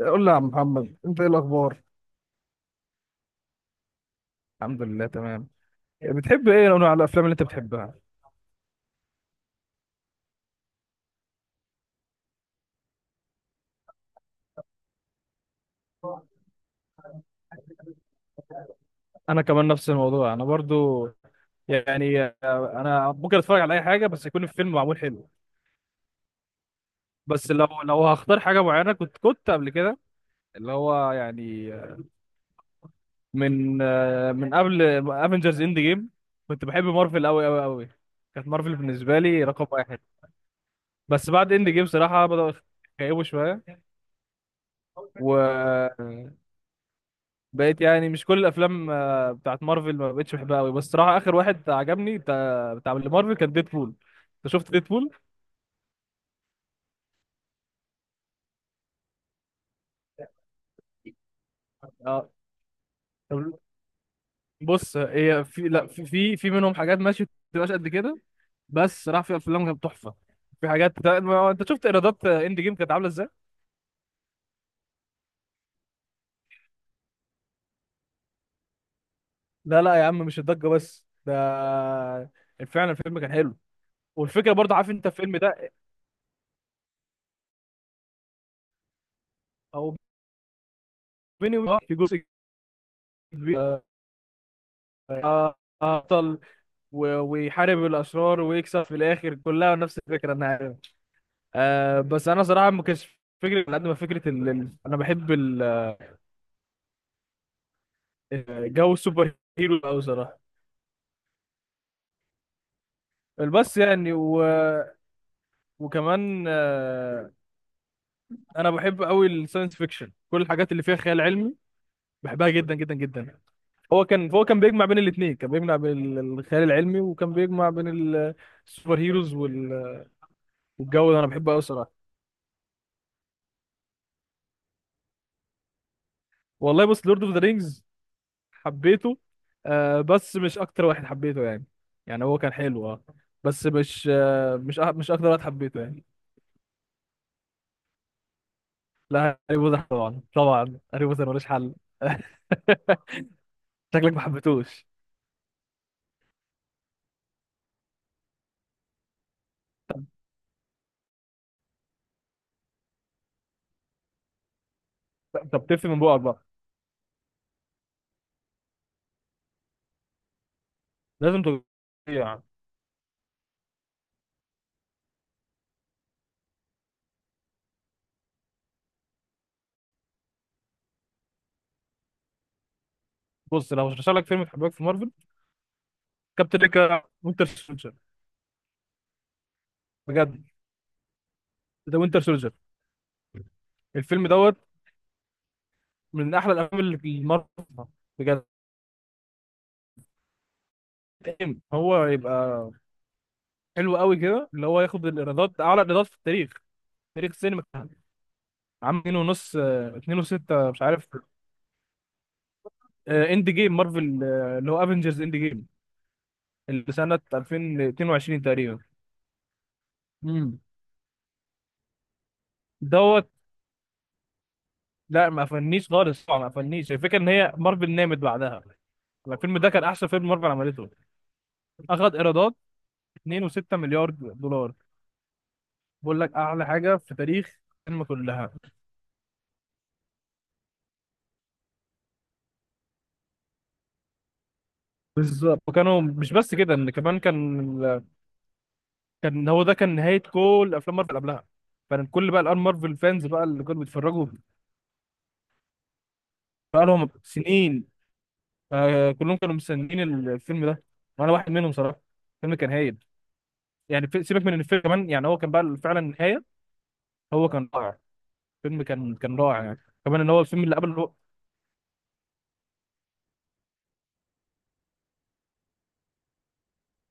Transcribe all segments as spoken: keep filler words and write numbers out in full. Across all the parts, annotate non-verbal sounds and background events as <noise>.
قول لي يا عم محمد، انت ايه الاخبار؟ الحمد لله تمام. بتحب ايه نوع من الافلام اللي انت بتحبها؟ انا كمان نفس الموضوع، انا برضو يعني آه، انا ممكن اتفرج على اي حاجه بس يكون الفيلم معمول حلو. بس لو لو هختار حاجه معينه، كنت كنت قبل كده، اللي هو يعني، من آه، من قبل افنجرز اند جيم كنت بحب مارفل قوي قوي قوي. كانت مارفل بالنسبه لي رقم واحد. بس بعد اند جيم صراحه بدأوا يخيبوا شويه. و بقيت يعني مش كل الافلام آه، بتاعت مارفل ما بقتش بحبها قوي، بس صراحه اخر واحد عجبني بتاع بتاع اللي مارفل كان ديدبول. انت شفت ديدبول؟ اه، طب بص، هي في لا في في, في منهم حاجات ماشي ما بتبقاش قد كده، بس صراحه في افلام كانت تحفه. في حاجات ده- ما- انت شفت ايرادات اند جيم كانت عامله ازاي؟ لا لا يا عم، مش الضجه بس، ده فعلا الفيلم كان حلو. والفكره برضه، عارف انت الفيلم ده؟ او، بيني وبينك، في جزء كبير، آه، آه، بطل و- ويحارب الاشرار ويكسب في الاخر، كلها نفس الفكره، انا عارف. آه بس انا صراحه ما كانش فكره على قد ما فكره ال... ال- انا بحب ال- آه، جو السوبر هيرو قوي صراحه. بس يعني و... وكمان آه انا بحب قوي الساينس فيكشن، كل الحاجات اللي فيها خيال علمي بحبها جدا جدا جدا. هو كان هو كان بيجمع بين الاثنين، كان بيجمع بين ال- الخيال العلمي، وكان بيجمع بين ال- السوبر هيروز وال... والجو ده انا بحبه قوي صراحه. والله بص، لورد اوف ذا رينجز حبيته، آه بس مش اكتر واحد حبيته يعني. يعني هو كان حلو اه، بس مش آه مش أ- مش اكتر واحد حبيته يعني. لا هاري بوتر طبعا، طبعا هاري بوتر ملوش حل. <laughs> شكلك ما حبيتوش؟ طب تفهم من بقك بقى. لازم تجرب. بص، لو هشرح لك فيلم تحبك في مارفل، كابتن امريكا وينتر سولجر، بجد، ده وينتر سولجر، الفيلم دوت من احلى الافلام اللي في مارفل، بجد. إيه، هو يبقى حلو قوي كده اللي هو ياخد الايرادات، اعلى ايرادات في التاريخ، تاريخ السينما. عام اتنين ونص آه، اتنين وستة مش عارف، آه، اند جيم مارفل، آه، اللي هو افنجرز اند جيم، اللي سنة الفين واتنين وعشرين تقريبا. امم دوت. لا ما قفلنيش خالص طبعا، ما قفلنيش. الفكرة ان هي مارفل نامت بعدها يعني. الفيلم ده كان احسن فيلم مارفل عملته، اخد ايرادات اثنين فاصلة ستة مليار دولار. بقول لك اعلى حاجة في تاريخ الفيلم كلها. بالظبط، وكانوا مش بس كده، ان كمان كان، كان هو ده كان نهايه كل افلام مارفل قبلها، فكان كل بقى الان مارفل فانز بقى اللي كانوا بيتفرجوا بقى لهم سنين، فكلهم كانوا مستنيين الفيلم ده، وانا واحد منهم صراحه. الفيلم كان هايل، يعني في- سيبك من ان الفيلم كمان يعني هو كان بقى فعلا النهايه، هو كان رائع. الفيلم كان كان رائع يعني، كمان ان هو الفيلم اللي قبل هو-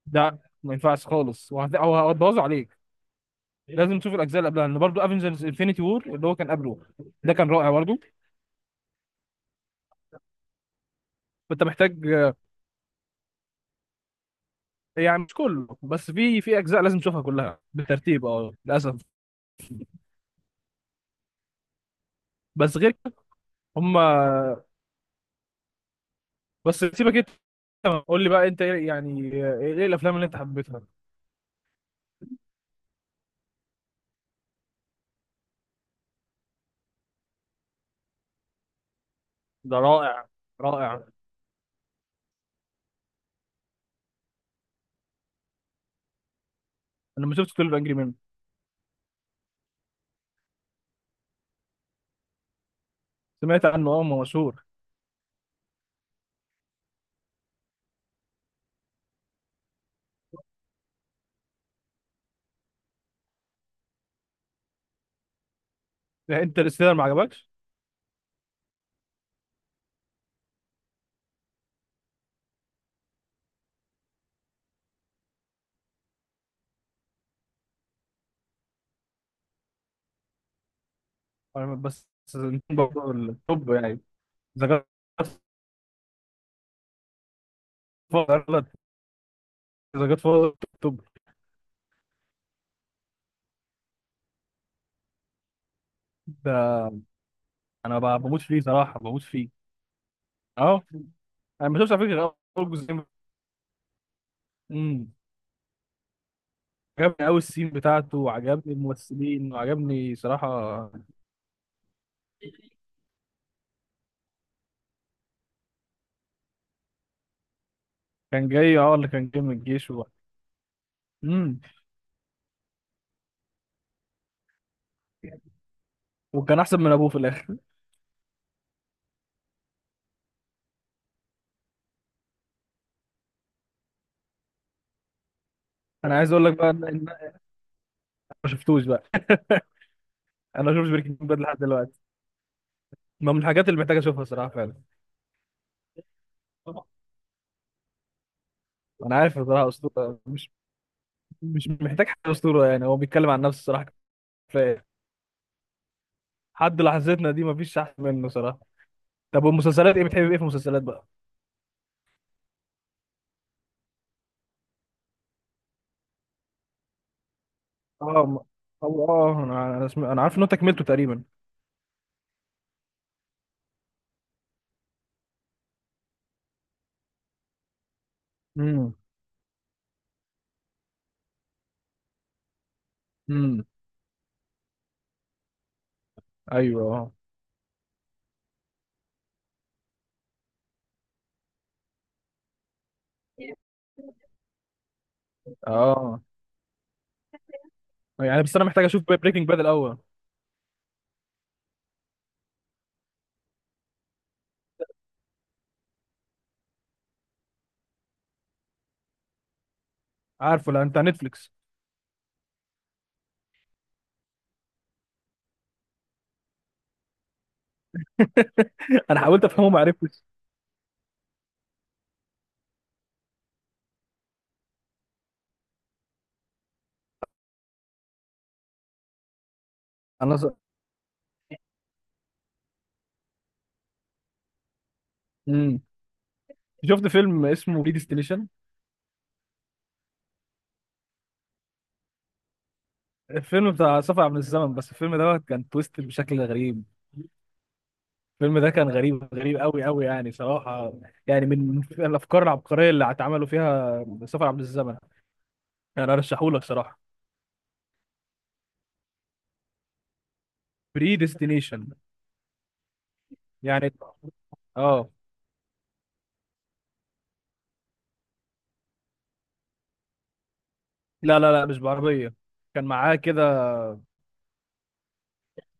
ده ما ينفعش خالص، وهت- هو هتبوظه عليك. لازم تشوف الاجزاء اللي قبلها، لان برضه افنجرز انفينيتي وور اللي هو كان قبله ده كان رائع برضه. فانت محتاج آه، يعني مش كله، بس في في اجزاء لازم تشوفها كلها بالترتيب، اه للاسف. بس غير كده، هم، بس سيبك، انت قول لي بقى انت إيه- يعني آه، ايه الافلام اللي انت حبيتها؟ ده رائع. رائع. انا ما شفتش اتناشر انجري مان. سمعت عنه اه، ما مشهور. انترستيلر ما عجبكش؟ أنا بس برضه التوب يعني، ذا جاد فاذر، ذا جاد فاذر توب. ده انا ب- بموت فيه صراحه، بموت فيه، اه. انا ما شفتش على فكره غير اول جزئين. امم. عجبني قوي السين بتاعته، وعجبني الممثلين، وعجبني صراحه. كان جاي اه، اللي كان جاي من الجيش و... امم، وكان احسن من ابوه في الاخر. انا عايز اقول لك بقى ان إن- ما شفتوش بقى. انا ما شفتش بريكنج باد لحد دلوقتي، ما من الحاجات اللي محتاج اشوفها صراحه فعلا. انا عارف صراحه اسطوره، مش مش محتاج حاجه اسطوره يعني، هو بيتكلم عن نفسه صراحه، كفايه. حد لحظتنا دي مفيش احسن منه صراحه. طب والمسلسلات ايه، بتحب ايه في المسلسلات بقى؟ اه ما- أو اه انا انا, سم... أنا عارف ان انت كملته تقريبا. امم. امم. ايوه، اه. اه. يعني بس انا محتاج اشوف بريكنج باد الاول. عارفه؟ لا، انت على نتفليكس؟ <laughs> انا حاولت افهمه ما عرفتش. انا ص... مم. شفت فيلم اسمه ريديستليشن؟ الفيلم بتاع سفر عبر الزمن، بس الفيلم دوت كان تويست بشكل غريب. الفيلم ده كان غريب غريب قوي قوي يعني صراحة. يعني من من الأفكار العبقرية اللي اتعملوا فيها سفر عبر الزمن. يعني أرشحهولك صراحة. بري ديستنيشن. يعني، اه لا لا لا، مش بعربية، كان معاه كده.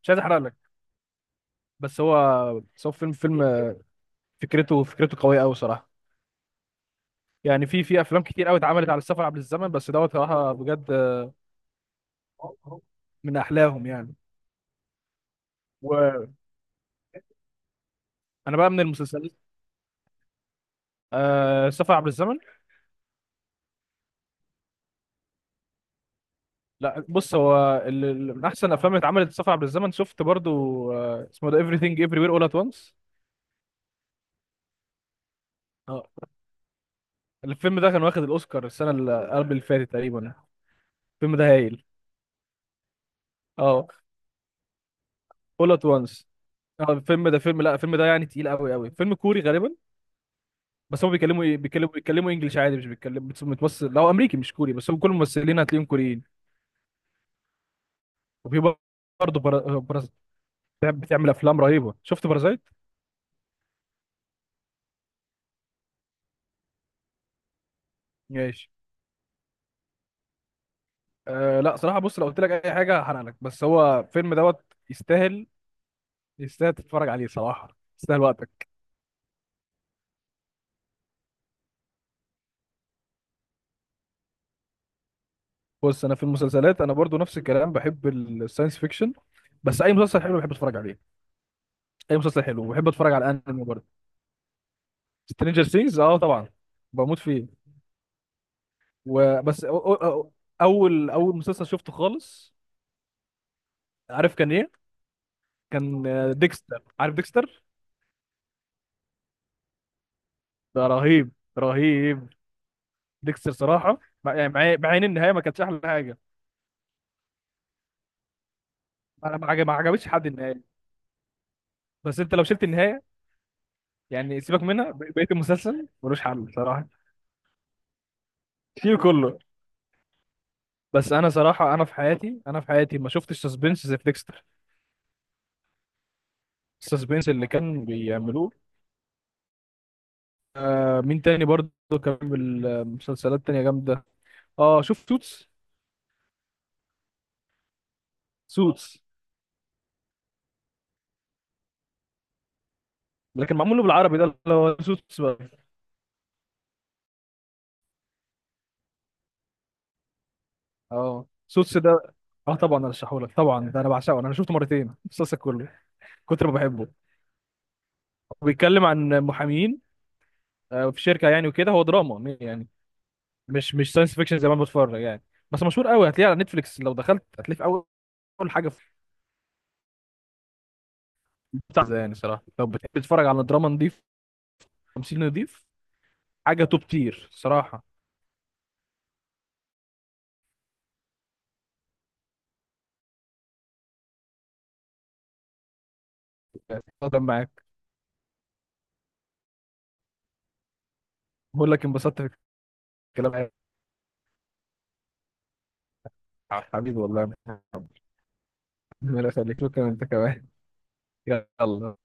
مش عايز أحرق لك، بس هو بس هو فيلم، فيلم فكرته، فكرته قوية قوي صراحة. يعني في في أفلام كتير قوي اتعملت على السفر عبر الزمن، بس دوت صراحة بجد، من أحلاهم يعني. وأنا بقى من المسلسلات، آه سفر عبر الزمن. لا بص، هو ال- ال- من احسن الافلام اللي اتعملت سفر عبر الزمن، شفت برضو آه اسمه ده everything everywhere all at once؟ اه الفيلم ده كان واخد الاوسكار السنه اللي قبل اللي فاتت تقريبا. الفيلم ده هايل. اه all at once. اه الفيلم ده فيلم، لا الفيلم ده يعني تقيل قوي قوي، فيلم كوري غالبا. بس هم بيتكلموا ايه، بيتكلموا، بيتكلموا انجلش عادي، مش بيتكلم، بتس- متمثل لو امريكي مش كوري، بس هم كل الممثلين هتلاقيهم كوريين. وفي برضه برا... برا... بتعمل افلام رهيبه. شفت بارازايت؟ ماشي. أه لا صراحة بص، لو قلت لك أي حاجة هحرق لك، بس هو فيلم دوت، يستاهل، يستاهل تتفرج عليه صراحة، يستاهل وقتك. بص أنا في المسلسلات أنا برضو نفس الكلام، بحب الساينس فيكشن، بس أي مسلسل حلو بحب أتفرج عليه. أي مسلسل حلو بحب أتفرج على الأنمي برضه. سترينجر سينجز أه طبعا، بموت فيه. وبس أو أو أو أول أول مسلسل شفته خالص، عارف كان إيه؟ كان ديكستر، عارف ديكستر؟ ده رهيب، رهيب. ديكستر صراحة، مع يعني مع مع إن النهاية ما كانتش أحلى حاجة. أنا ما عجب- ما عجبتش حد النهاية. بس انت لو شلت النهايه، يعني سيبك منها، ب- بقيه المسلسل ملوش حل صراحه. شيل كله. بس انا صراحه، انا في حياتي انا في حياتي ما شفتش سسبنس زي في ديكستر، السسبنس اللي كان بيعملوه. آه مين تاني برضه كان بالمسلسلات تانية جامده؟ اه شوف سوتس. سوتس. لكن معمول له بالعربي ده اللي هو سوتس بقى. اه سوتس ده اه طبعا ارشحهولك، طبعا ده انا بعشقه، انا شفته مرتين المسلسل كله، كتر ما بحبه. بيتكلم عن محامين آه، في شركه يعني، وكده هو دراما يعني، مش مش ساينس فيكشن زي ما أنا بتفرج يعني. بس مشهور قوي، هتلاقيه على نتفليكس لو دخلت هتلاقيه في اول حاجه في بتاع ده يعني صراحه. لو بتحب تتفرج على دراما نضيف، تمثيل نضيف، حاجه توب تير صراحه يعني. اتفضل معاك. بقول لك انبسطت في الكلام معاك. حبيبي والله يا محمد. ربنا يخليك، شكرا انت كمان. يلا.